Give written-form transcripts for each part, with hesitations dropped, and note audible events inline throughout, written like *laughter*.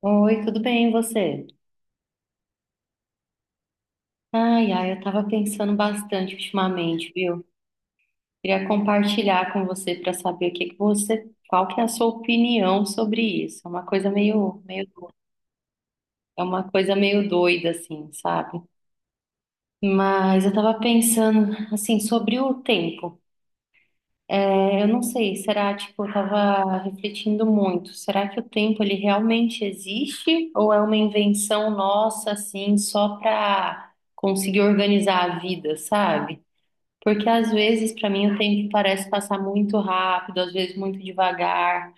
Oi, tudo bem, e você? Ai, ai, eu tava pensando bastante ultimamente, viu? Queria compartilhar com você para saber o que que você, qual que é a sua opinião sobre isso. é uma coisa meio, meio, é uma coisa meio doida, assim, sabe? Mas eu tava pensando, assim, sobre o tempo. Eu não sei, será, tipo, eu tava refletindo muito. Será que o tempo, ele realmente existe? Ou é uma invenção nossa, assim, só pra conseguir organizar a vida, sabe? Porque às vezes, para mim, o tempo parece passar muito rápido, às vezes muito devagar.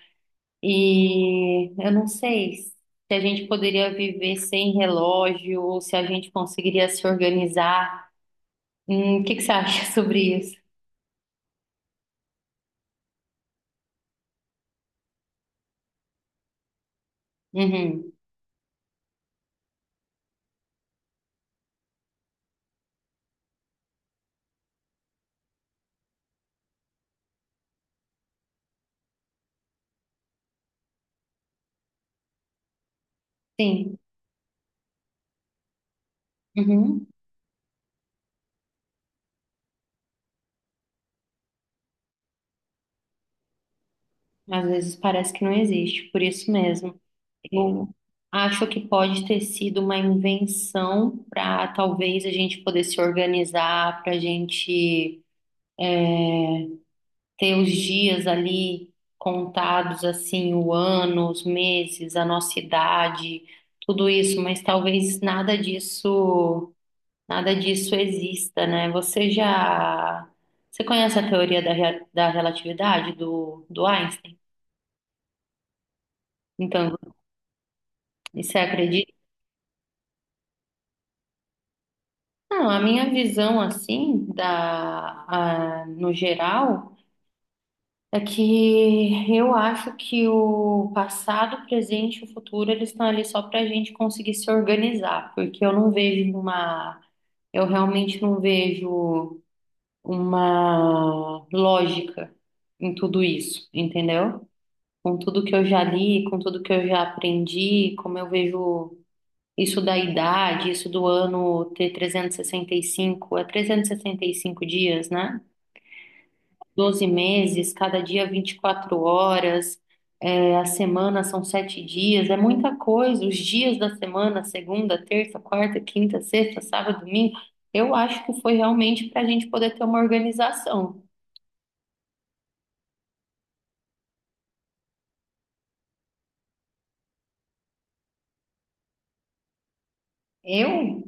E eu não sei se a gente poderia viver sem relógio, ou se a gente conseguiria se organizar. O que que você acha *laughs* sobre isso? Uhum. Sim. Uhum. Às vezes parece que não existe, por isso mesmo. Eu acho que pode ter sido uma invenção para talvez a gente poder se organizar, para a gente ter os dias ali contados, assim, o ano, os meses, a nossa idade, tudo isso, mas talvez nada disso, nada disso exista, né? Você já, você conhece a teoria da relatividade do Einstein? Então, você acredita? Não, a minha visão, assim, da, a- no geral, é que eu acho que o passado, o presente e o futuro, eles estão ali só para a gente conseguir se organizar, porque eu não vejo uma, eu realmente não vejo uma lógica em tudo isso, entendeu? Com tudo que eu já li, com tudo que eu já aprendi, como eu vejo isso da idade, isso do ano ter trezentos e sessenta e cinco dias, né? 12 meses, cada dia 24 horas. A semana são 7 dias, é muita coisa. Os dias da semana, segunda, terça, quarta, quinta, sexta, sábado, domingo, eu acho que foi realmente para a gente poder ter uma organização. Eu,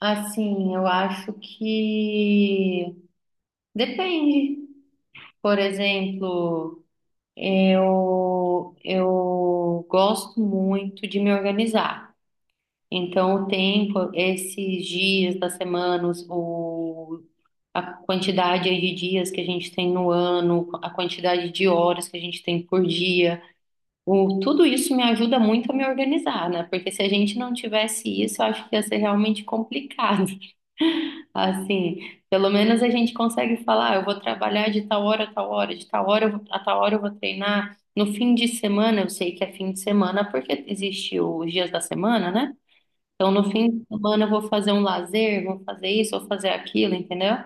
assim, eu acho que depende. Por exemplo, eu gosto muito de me organizar. Então, o tempo, esses dias da semana, os- o a quantidade aí de dias que a gente tem no ano, a quantidade de horas que a gente tem por dia. O, tudo isso me ajuda muito a me organizar, né? Porque se a gente não tivesse isso, eu acho que ia ser realmente complicado. *laughs* Assim, pelo menos a gente consegue falar, "Ah, eu vou trabalhar de tal hora a tal hora, de tal hora a tal hora eu vou treinar. No fim de semana, eu sei que é fim de semana porque existe os dias da semana, né? Então, no fim de semana eu vou fazer um lazer, vou fazer isso, vou fazer aquilo, entendeu?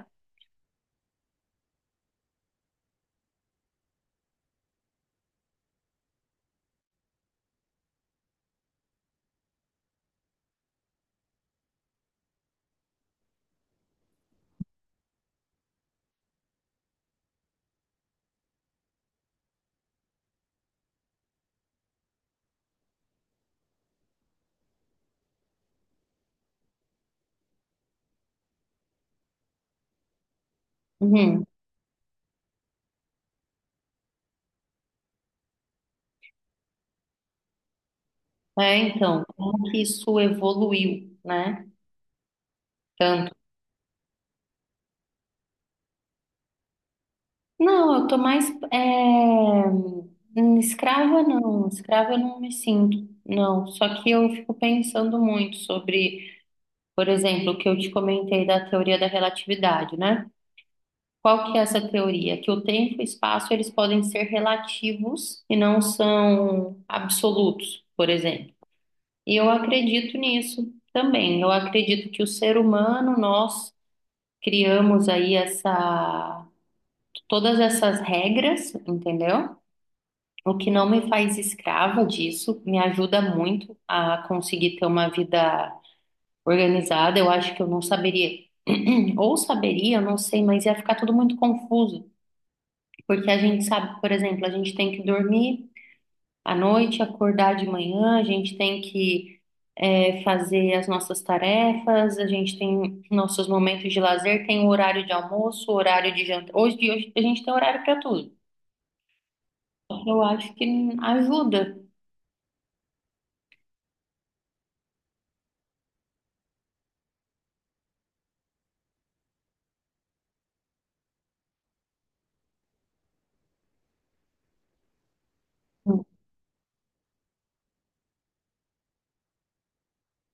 Uhum. É, então, como que isso evoluiu, né? Tanto. Não, eu tô mais. é, hum, Escrava não, escrava eu não me sinto, não. Só que eu fico pensando muito sobre, por exemplo, o que eu te comentei da teoria da relatividade, né? Qual que é essa teoria? Que o tempo e o espaço eles podem ser relativos e não são absolutos, por exemplo. E eu acredito nisso também. Eu acredito que o ser humano, nós criamos aí essa, todas essas regras, entendeu? O que não me faz escrava disso, me ajuda muito a conseguir ter uma vida organizada. Eu acho que eu não saberia, *clears throat* ou saberia, eu não sei, mas ia ficar tudo muito confuso. Porque a gente sabe, por exemplo, a gente tem que dormir à noite, acordar de manhã, a gente tem que fazer as nossas tarefas, a gente tem nossos momentos de lazer, tem o horário de almoço, o horário de jantar. Hoje, de hoje a gente tem horário para tudo. Eu acho que ajuda.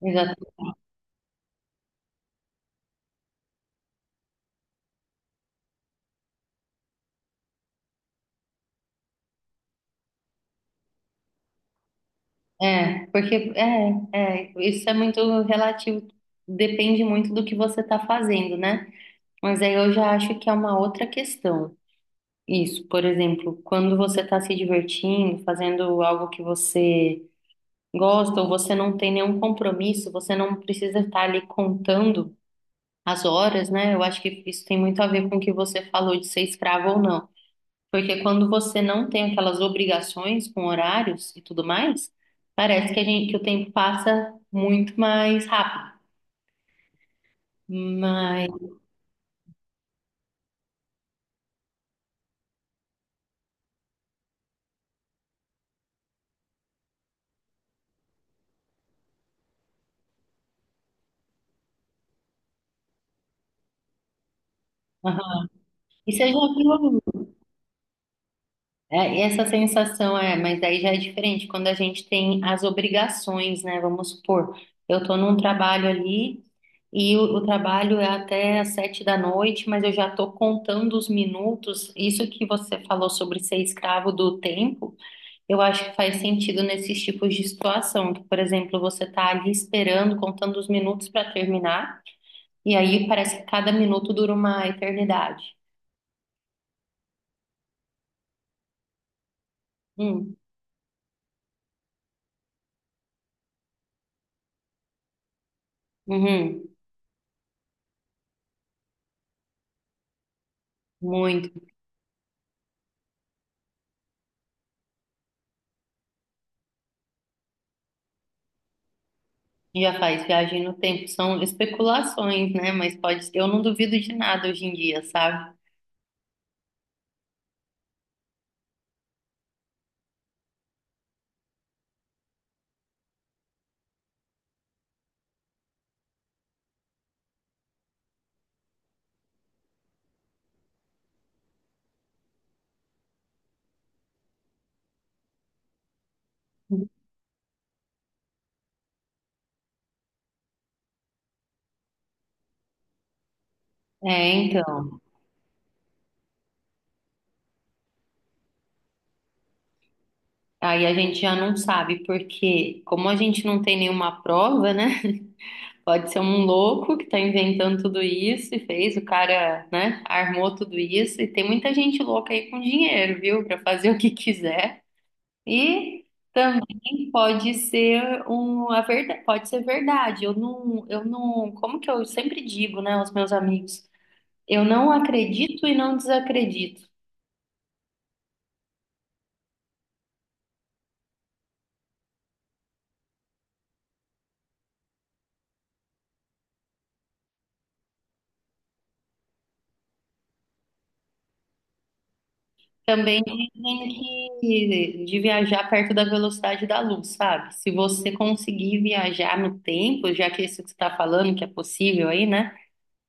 Exato. É, porque isso é muito relativo, depende muito do que você está fazendo, né? Mas aí eu já acho que é uma outra questão. Isso, por exemplo, quando você está se divertindo, fazendo algo que você gostam, você não tem nenhum compromisso, você não precisa estar ali contando as horas, né? Eu acho que isso tem muito a ver com o que você falou de ser escravo ou não. Porque quando você não tem aquelas obrigações com horários e tudo mais, parece que a gente, que o tempo passa muito mais rápido. Mas, aham. E você já viu É, e essa sensação é, mas daí já é diferente quando a gente tem as obrigações, né? Vamos supor, eu estou num trabalho ali e o trabalho é até às 7 da noite, mas eu já estou contando os minutos. Isso que você falou sobre ser escravo do tempo, eu acho que faz sentido nesses tipos de situação, que, por exemplo, você está ali esperando, contando os minutos para terminar, e aí parece que cada minuto dura uma eternidade. Hum. Uhum. Muito. Já faz viagem no tempo. São especulações, né? Mas pode, eu não duvido de nada hoje em dia, sabe? É, então. Aí a gente já não sabe, porque como a gente não tem nenhuma prova, né? *laughs* Pode ser um louco que tá inventando tudo isso e fez, o cara, né, armou tudo isso. E tem muita gente louca aí com dinheiro, viu? Pra fazer o que quiser. E também pode ser um, a verdade, pode ser verdade. Eu não, como que eu sempre digo, né, aos meus amigos? Eu não acredito e não desacredito. Também dizem que de viajar perto da velocidade da luz, sabe? Se você conseguir viajar no tempo, já que isso que você está falando, que é possível aí, né?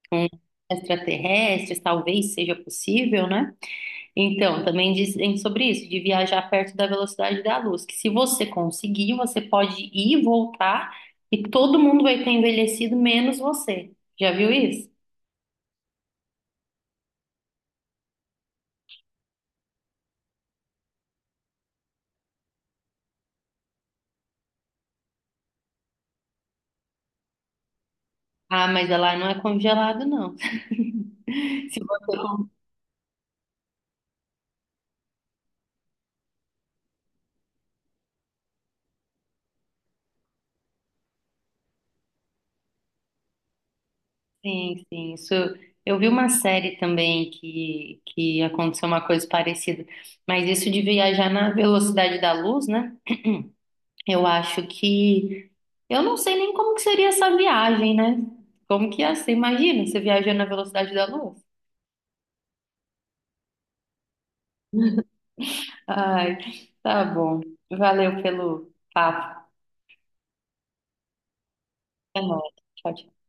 Com extraterrestres, talvez seja possível, né? Então, também dizem sobre isso, de viajar perto da velocidade da luz, que se você conseguir, você pode ir e voltar e todo mundo vai ter envelhecido, menos você. Já viu isso? Ah, mas ela não é congelado, não. *laughs* Se você... Sim, sim, isso. Eu vi uma série também que aconteceu uma coisa parecida, mas isso de viajar na velocidade da luz, né? Eu acho que eu não sei nem como que seria essa viagem, né? Como que ia ser? Imagina, você viajando na velocidade da luz. Ai, tá bom. Valeu pelo papo. Até mais. Tchau, tchau.